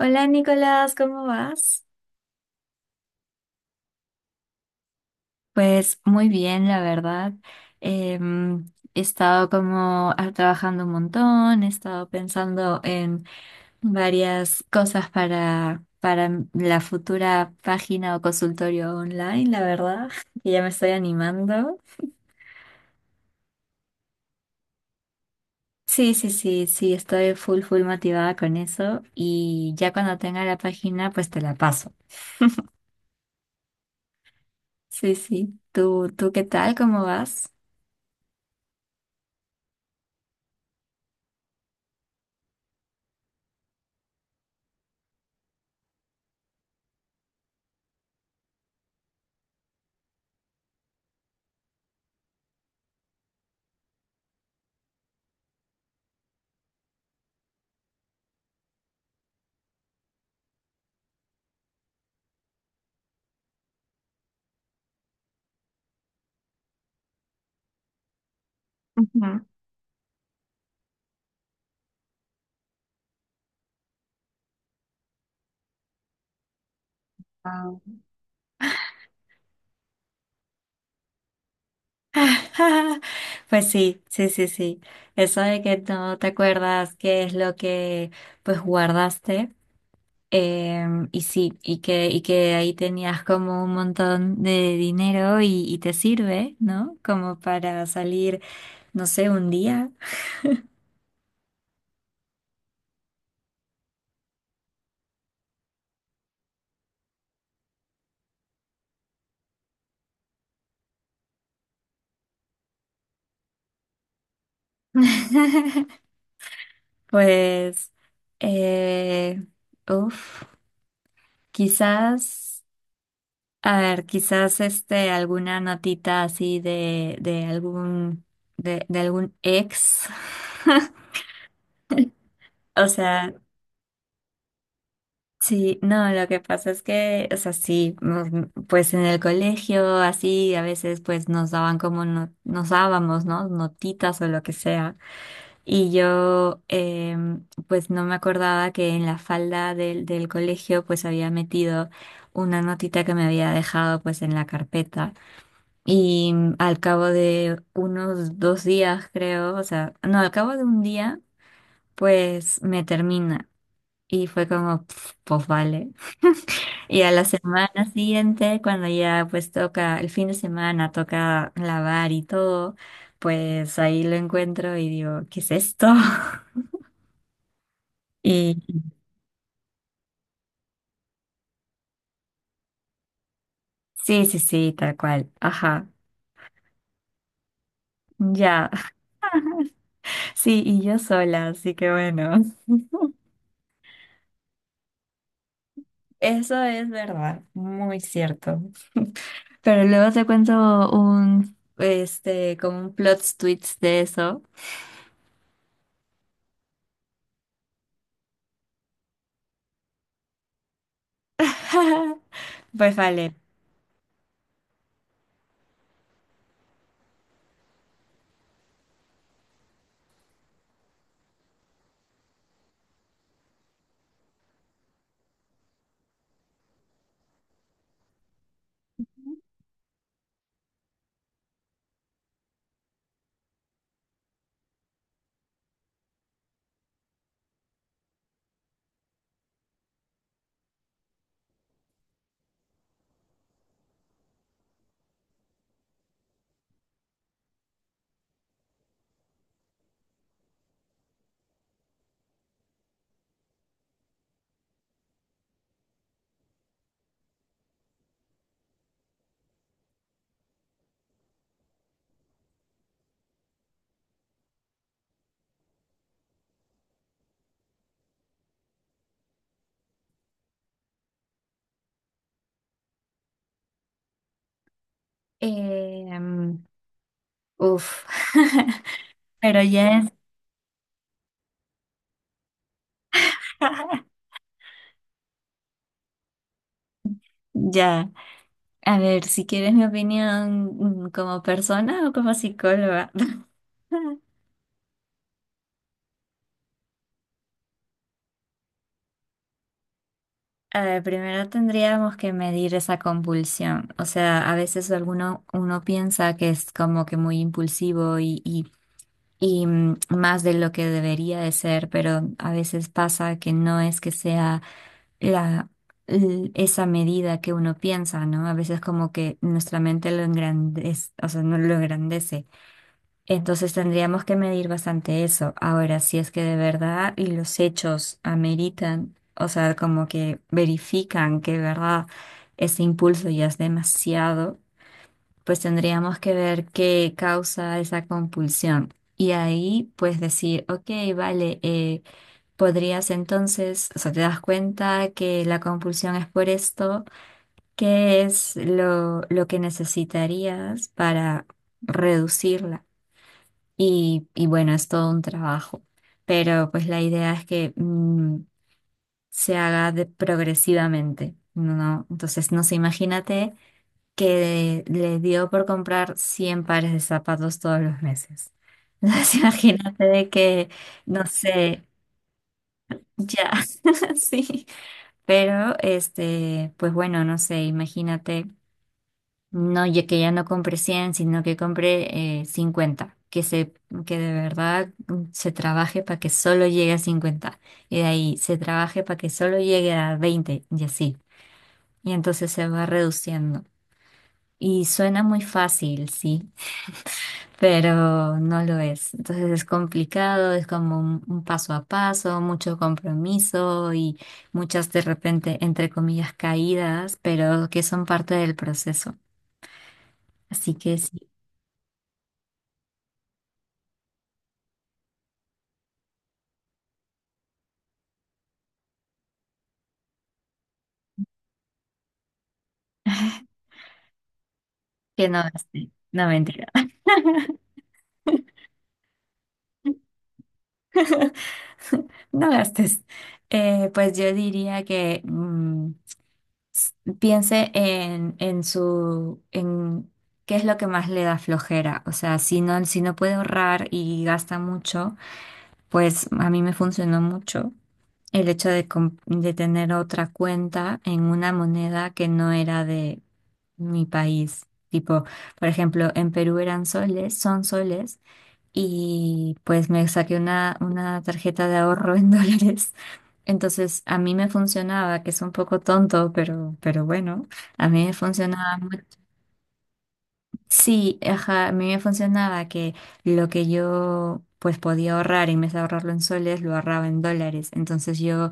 Hola Nicolás, ¿cómo vas? Pues muy bien, la verdad. Em, he estado como trabajando un montón, he estado pensando en varias cosas para la futura página o consultorio online, la verdad, que ya me estoy animando. Sí, sí, sí, sí, estoy full motivada con eso y ya cuando tenga la página, pues te la paso. Sí, sí. ¿Tú qué tal? ¿Cómo vas? Ujú. Pues sí, sí, sí, sí. Eso de que no te acuerdas qué es lo que pues guardaste. Y sí, y que ahí tenías como un montón de dinero y te sirve, ¿no? Como para salir, no sé, un día. Pues, eh, uff, quizás. A ver, quizás este alguna notita así de algún de algún ex. O sea, sí, no, lo que pasa es que, o sea, sí, pues en el colegio así a veces pues nos daban como no, nos dábamos, ¿no? Notitas o lo que sea. Y yo pues no me acordaba que en la falda del colegio pues había metido una notita que me había dejado pues en la carpeta. Y al cabo de unos dos días, creo, o sea, no, al cabo de un día, pues me termina. Y fue como, "Pf, pues vale. Y a la semana siguiente, cuando ya pues toca, el fin de semana toca lavar y todo, pues ahí lo encuentro y digo, ¿qué es esto? Y sí, sí, sí, tal cual. Ajá, ya. Sí, y yo sola, así que bueno. Eso es verdad, muy cierto. Pero luego te cuento un, este, como un plot twist de eso. Pues vale. Em, uf. Pero ya es, ya. A ver, si quieres mi opinión como persona o como psicóloga. A ver, primero tendríamos que medir esa compulsión. O sea, a veces alguno uno piensa que es como que muy impulsivo y más de lo que debería de ser, pero a veces pasa que no es que sea la, esa medida que uno piensa, ¿no? A veces como que nuestra mente lo engrandece, o sea, no lo engrandece. Entonces tendríamos que medir bastante eso. Ahora, si es que de verdad y los hechos ameritan, o sea, como que verifican que de verdad ese impulso ya es demasiado, pues tendríamos que ver qué causa esa compulsión. Y ahí, pues decir, ok, vale, podrías entonces, o sea, te das cuenta que la compulsión es por esto, ¿qué es lo que necesitarías para reducirla? Y bueno, es todo un trabajo, pero pues la idea es que se haga progresivamente, ¿no? Entonces, no sé, imagínate que le dio por comprar 100 pares de zapatos todos los meses. Entonces, imagínate de que, no sé, ya, sí, pero este, pues bueno, no sé, imagínate, no, ya que ya no compré 100 sino que compré 50, que se, que de verdad se trabaje para que solo llegue a 50 y de ahí se trabaje para que solo llegue a 20 y así, y entonces se va reduciendo. Y suena muy fácil, sí, pero no lo es. Entonces es complicado, es como un paso a paso, mucho compromiso y muchas de repente, entre comillas, caídas, pero que son parte del proceso. Así que sí, que no gastes, no mentira, no gastes. Pues yo diría que s- piense en su, en qué es lo que más le da flojera. O sea, si no, si no puede ahorrar y gasta mucho, pues a mí me funcionó mucho el hecho de, de tener otra cuenta en una moneda que no era de mi país. Tipo, por ejemplo, en Perú eran soles, son soles, y pues me saqué una tarjeta de ahorro en dólares. Entonces, a mí me funcionaba, que es un poco tonto, pero bueno, a mí me funcionaba Sí, ajá, a mí me funcionaba que lo que yo pues podía ahorrar en vez de ahorrarlo en soles, lo ahorraba en dólares. Entonces yo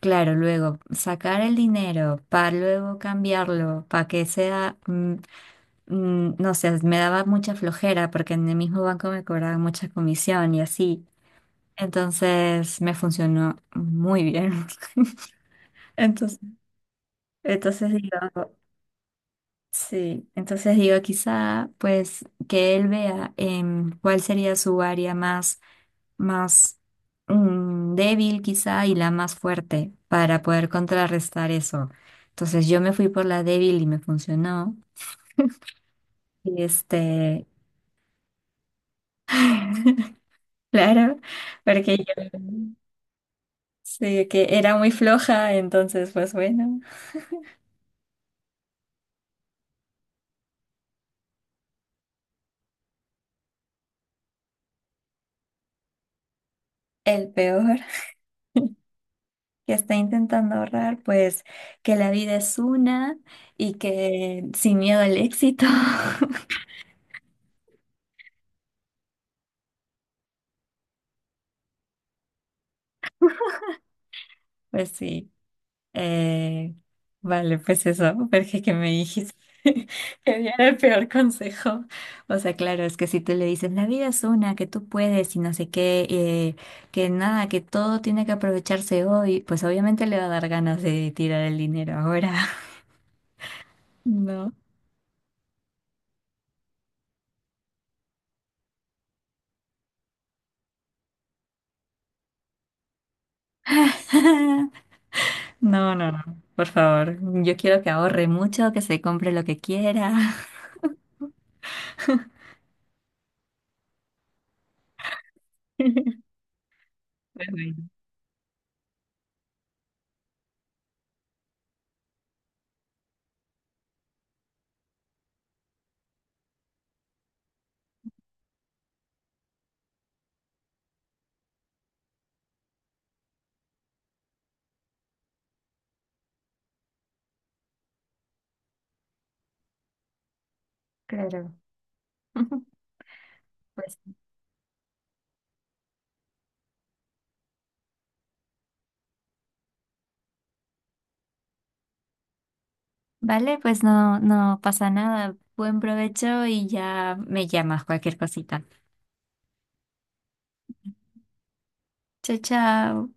claro, luego sacar el dinero para luego cambiarlo, para que sea, no sé, me daba mucha flojera porque en el mismo banco me cobraban mucha comisión y así. Entonces me funcionó muy bien. Entonces, entonces digo, sí, entonces digo, quizá pues que él vea cuál sería su área más más débil quizá y la más fuerte para poder contrarrestar eso. Entonces yo me fui por la débil y me funcionó. Y este, claro, porque yo sí, que era muy floja, entonces pues bueno, el peor que está intentando ahorrar, pues que la vida es una y que sin miedo al éxito, pues sí. Eh, vale, pues eso, porque que me dijiste que diera el peor consejo. O sea, claro, es que si tú le dices, la vida es una, que tú puedes y no sé qué, que nada, que todo tiene que aprovecharse hoy, pues obviamente le va a dar ganas de tirar el dinero ahora, ¿no? No, no, no, por favor, yo quiero que ahorre mucho, que se compre lo que quiera. Pues bueno, claro. Pues vale, pues no, no pasa nada. Buen provecho y ya me llamas cualquier cosita. Chao, chao.